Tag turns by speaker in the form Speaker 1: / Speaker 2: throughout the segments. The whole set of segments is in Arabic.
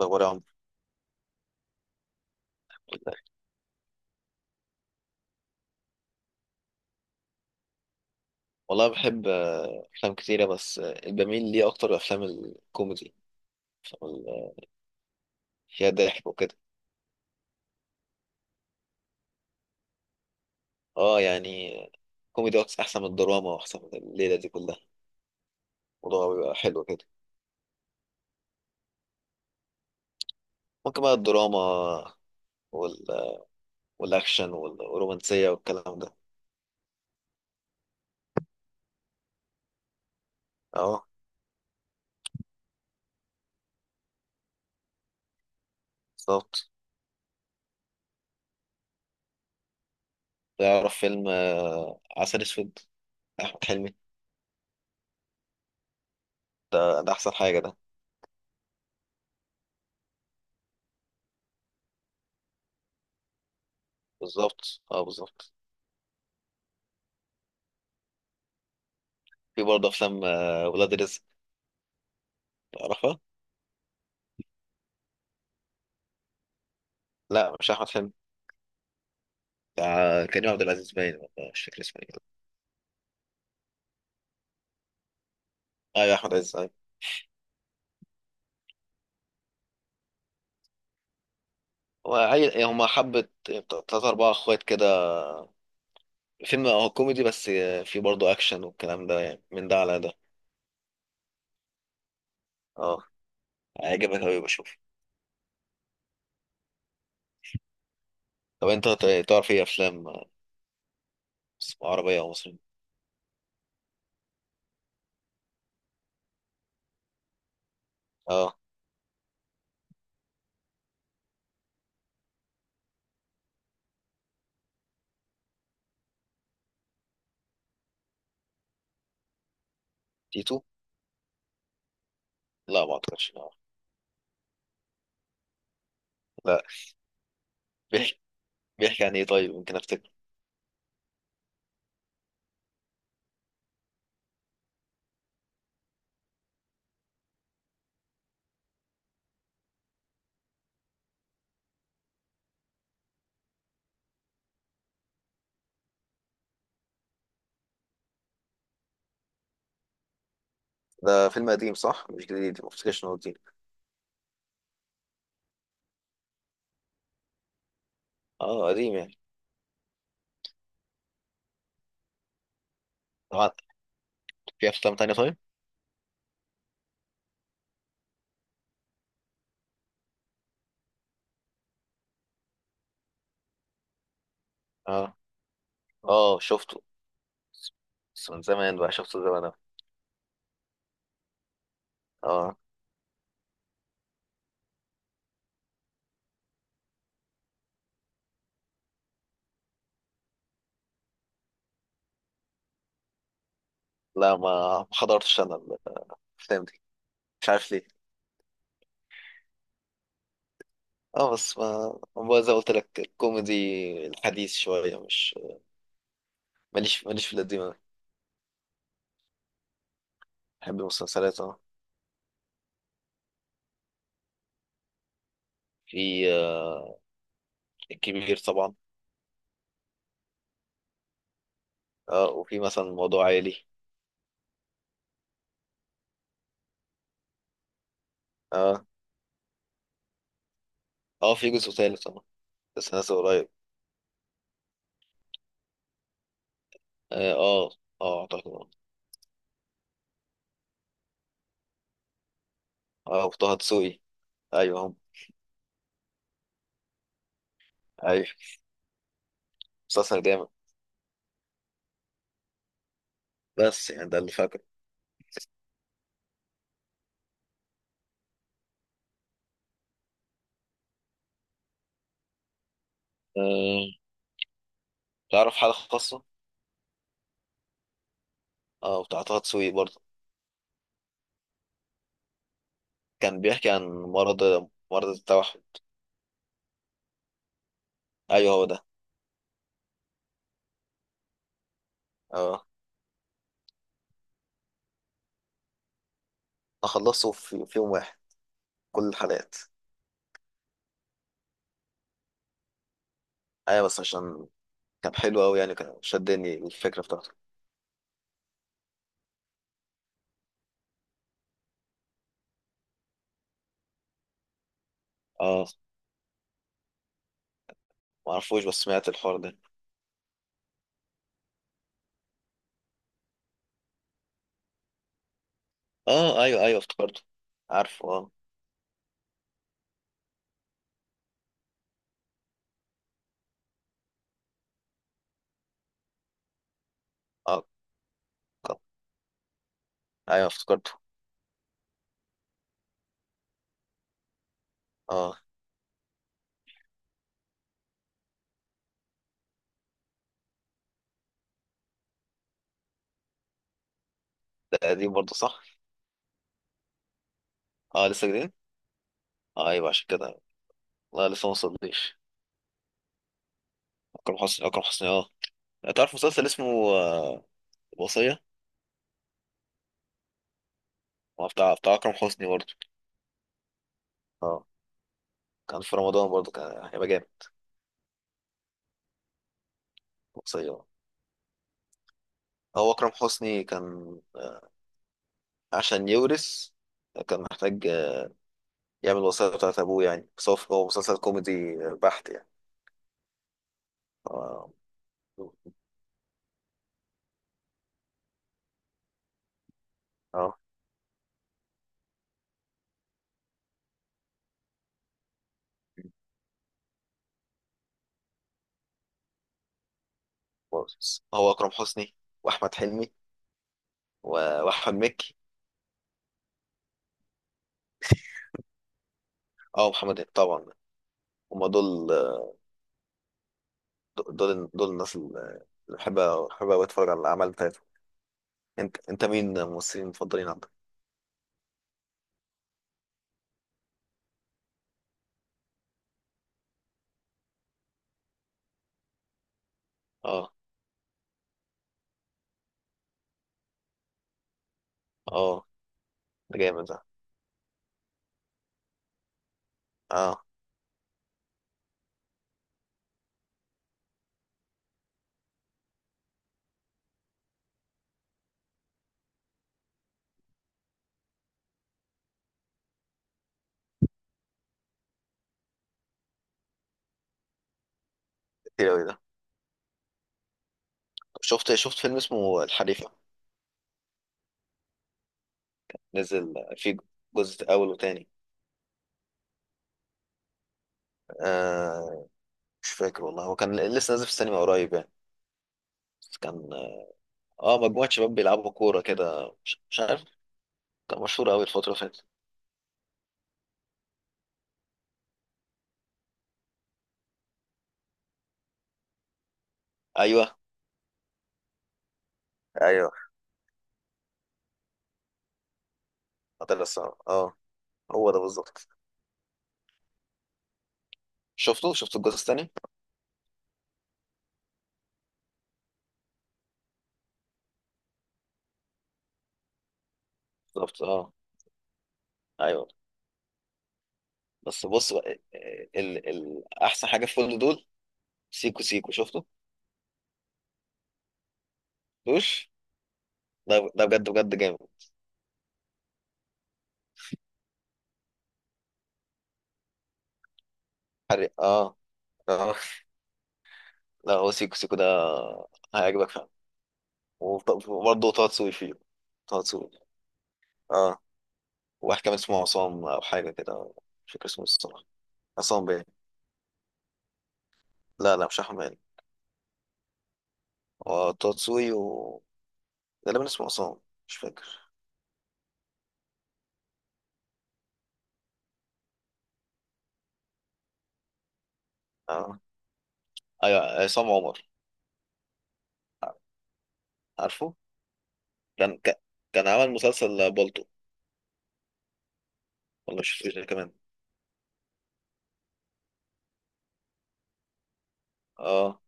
Speaker 1: أخبار يا عمرو. والله بحب أفلام كتيرة، بس بميل ليه أكتر الأفلام الكوميدي. أفلام ال- فيها ضحك وكده. أه يعني كوميدي أكتر، أحسن من الدراما وأحسن من الليلة دي كلها. الموضوع بيبقى حلو كده. ممكن بقى الدراما وال... والأكشن والرومانسية والكلام ده. أه بالظبط. تعرف فيلم عسل أسود؟ أحمد حلمي. ده أحسن حاجة. ده بالظبط، أه بالظبط. في برضه أفلام ولاد رزق، تعرفها؟ لا مش أحمد حلمي، بتاع كريم عبد العزيز باين، ولا مش فاكر اسمه ايه. ايوه احمد عز، ايوه. هو عيل، هما حبة تلات أربعة إخوات كده. فيلم هو كوميدي، بس فيه برضه أكشن والكلام ده، يعني من ده على ده. اه. هيعجبك أوي، بشوف. طب أنت تعرف إيه أفلام عربية أو مصرية؟ اه. تيتو؟ لا ما أعتقدش آه. لا. بيحكي، بيحكي عن إيه؟ طيب ممكن أفتكر. ده فيلم قديم صح؟ مش جديد، ما أفتكرش إنه قديم. اه قديم يعني. طبعا. في أفلام تانية طيب؟ اه، اه شفته. بس من زمان بقى، شفته زمان أوي. اه. لا ما ما حضرتش انا الافلام دي. مش عارف ليه. اه بس ما ما زي ما قلت لك، الكوميدي الحديث شويه، مش ماليش ماليش في القديم أوي. بحب المسلسلات، اه. في آه الكبير طبعا. اه وفي مثلا موضوع عائلي. اه. اه في جزء ثالث طبعا. بس نازل قريب. اه. اه. اعتقد اه. وطه دسوقي. ايوه هم. ايوه، مسلسل جامد. بس يعني ده اللي فاكره. آه، تعرف حالة خاصة؟ اه بتاع طه دسوقي برضه. كان بيحكي عن مرض، مرض التوحد. ايوه هو ده. اه. اخلصه في يوم واحد. كل الحلقات. ايوه بس عشان كان حلو قوي يعني، كان شدني الفكره بتاعته. اه معرفوش، بس سمعت الحوار ده. اه ايوه ايوه افتكرته. عارفه اه. اه ك- ايوه افتكرته. اه. ده قديم برضه صح؟ اه لسه جديد. آه ايوه، عشان كده. لا لسه ما وصلتليش. اكرم حسني، اكرم حسني، اه. تعرف مسلسل اسمه آه، الوصيه؟ هو بتاع اكرم حسني برضه. اه كان في رمضان برضه، كان هيبقى جامد. الوصيه آه، هو اكرم حسني كان عشان يورث، كان محتاج يعمل الوصية بتاعت أبوه يعني. بس هو مسلسل كوميدي بحت يعني. اه. آه. هو أكرم حسني وأحمد حلمي و- وأحمد مكي. اه محمد هنيدي طبعا. هما دول. دول الناس اللي بحب، بحب أوي أتفرج على الأعمال بتاعتهم. أنت أنت مين الممثلين المفضلين عندك؟ اه. اه ده جامد ده. اه كتير أوي ده. شفت، شفت فيلم اسمه الحريفة؟ نزل فيه جزء أول وتاني. آه مش فاكر والله، هو كان لسه نازل في السينما قريب يعني. بس كان، اه مجموعة شباب بيلعبوا كورة كده، مش عارف. كان مشهور قوي الفترة اللي فاتت. ايوه ايوه، قتل الصعب اه. هو ده بالظبط. شفته، شفت الجزء الثاني. بالظبط اه. ايوه. بس بص بقى، احسن حاجة في كل دول سيكو سيكو. شفته؟ شفتوش؟ ده ده بجد بجد جامد. حرق اه. اه. لا هو سيكو سيكو ده هيعجبك فعلا. وبرضه طه دسوقي فيه. طه دسوقي اه. واحد كان اسمه عصام أو حاجة كده، مش فاكر اسمه الصراحة. عصام باين. لا لا مش أحمد. هو تاتسوي و، غالبا اسمه عصام، مش فاكر. آه. أيوة عصام عمر. عارفه. كان كان، كان عمل مسلسل بالطو، ولا مش فاكر ده كمان. اه.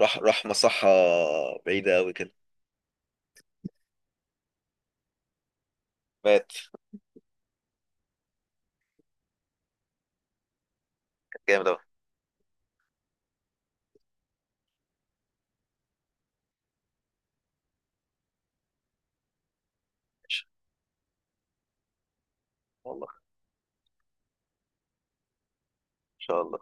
Speaker 1: راح، راح مصحة بعيدة أوي كده. مات. جامد أوي. والله، إن شاء الله.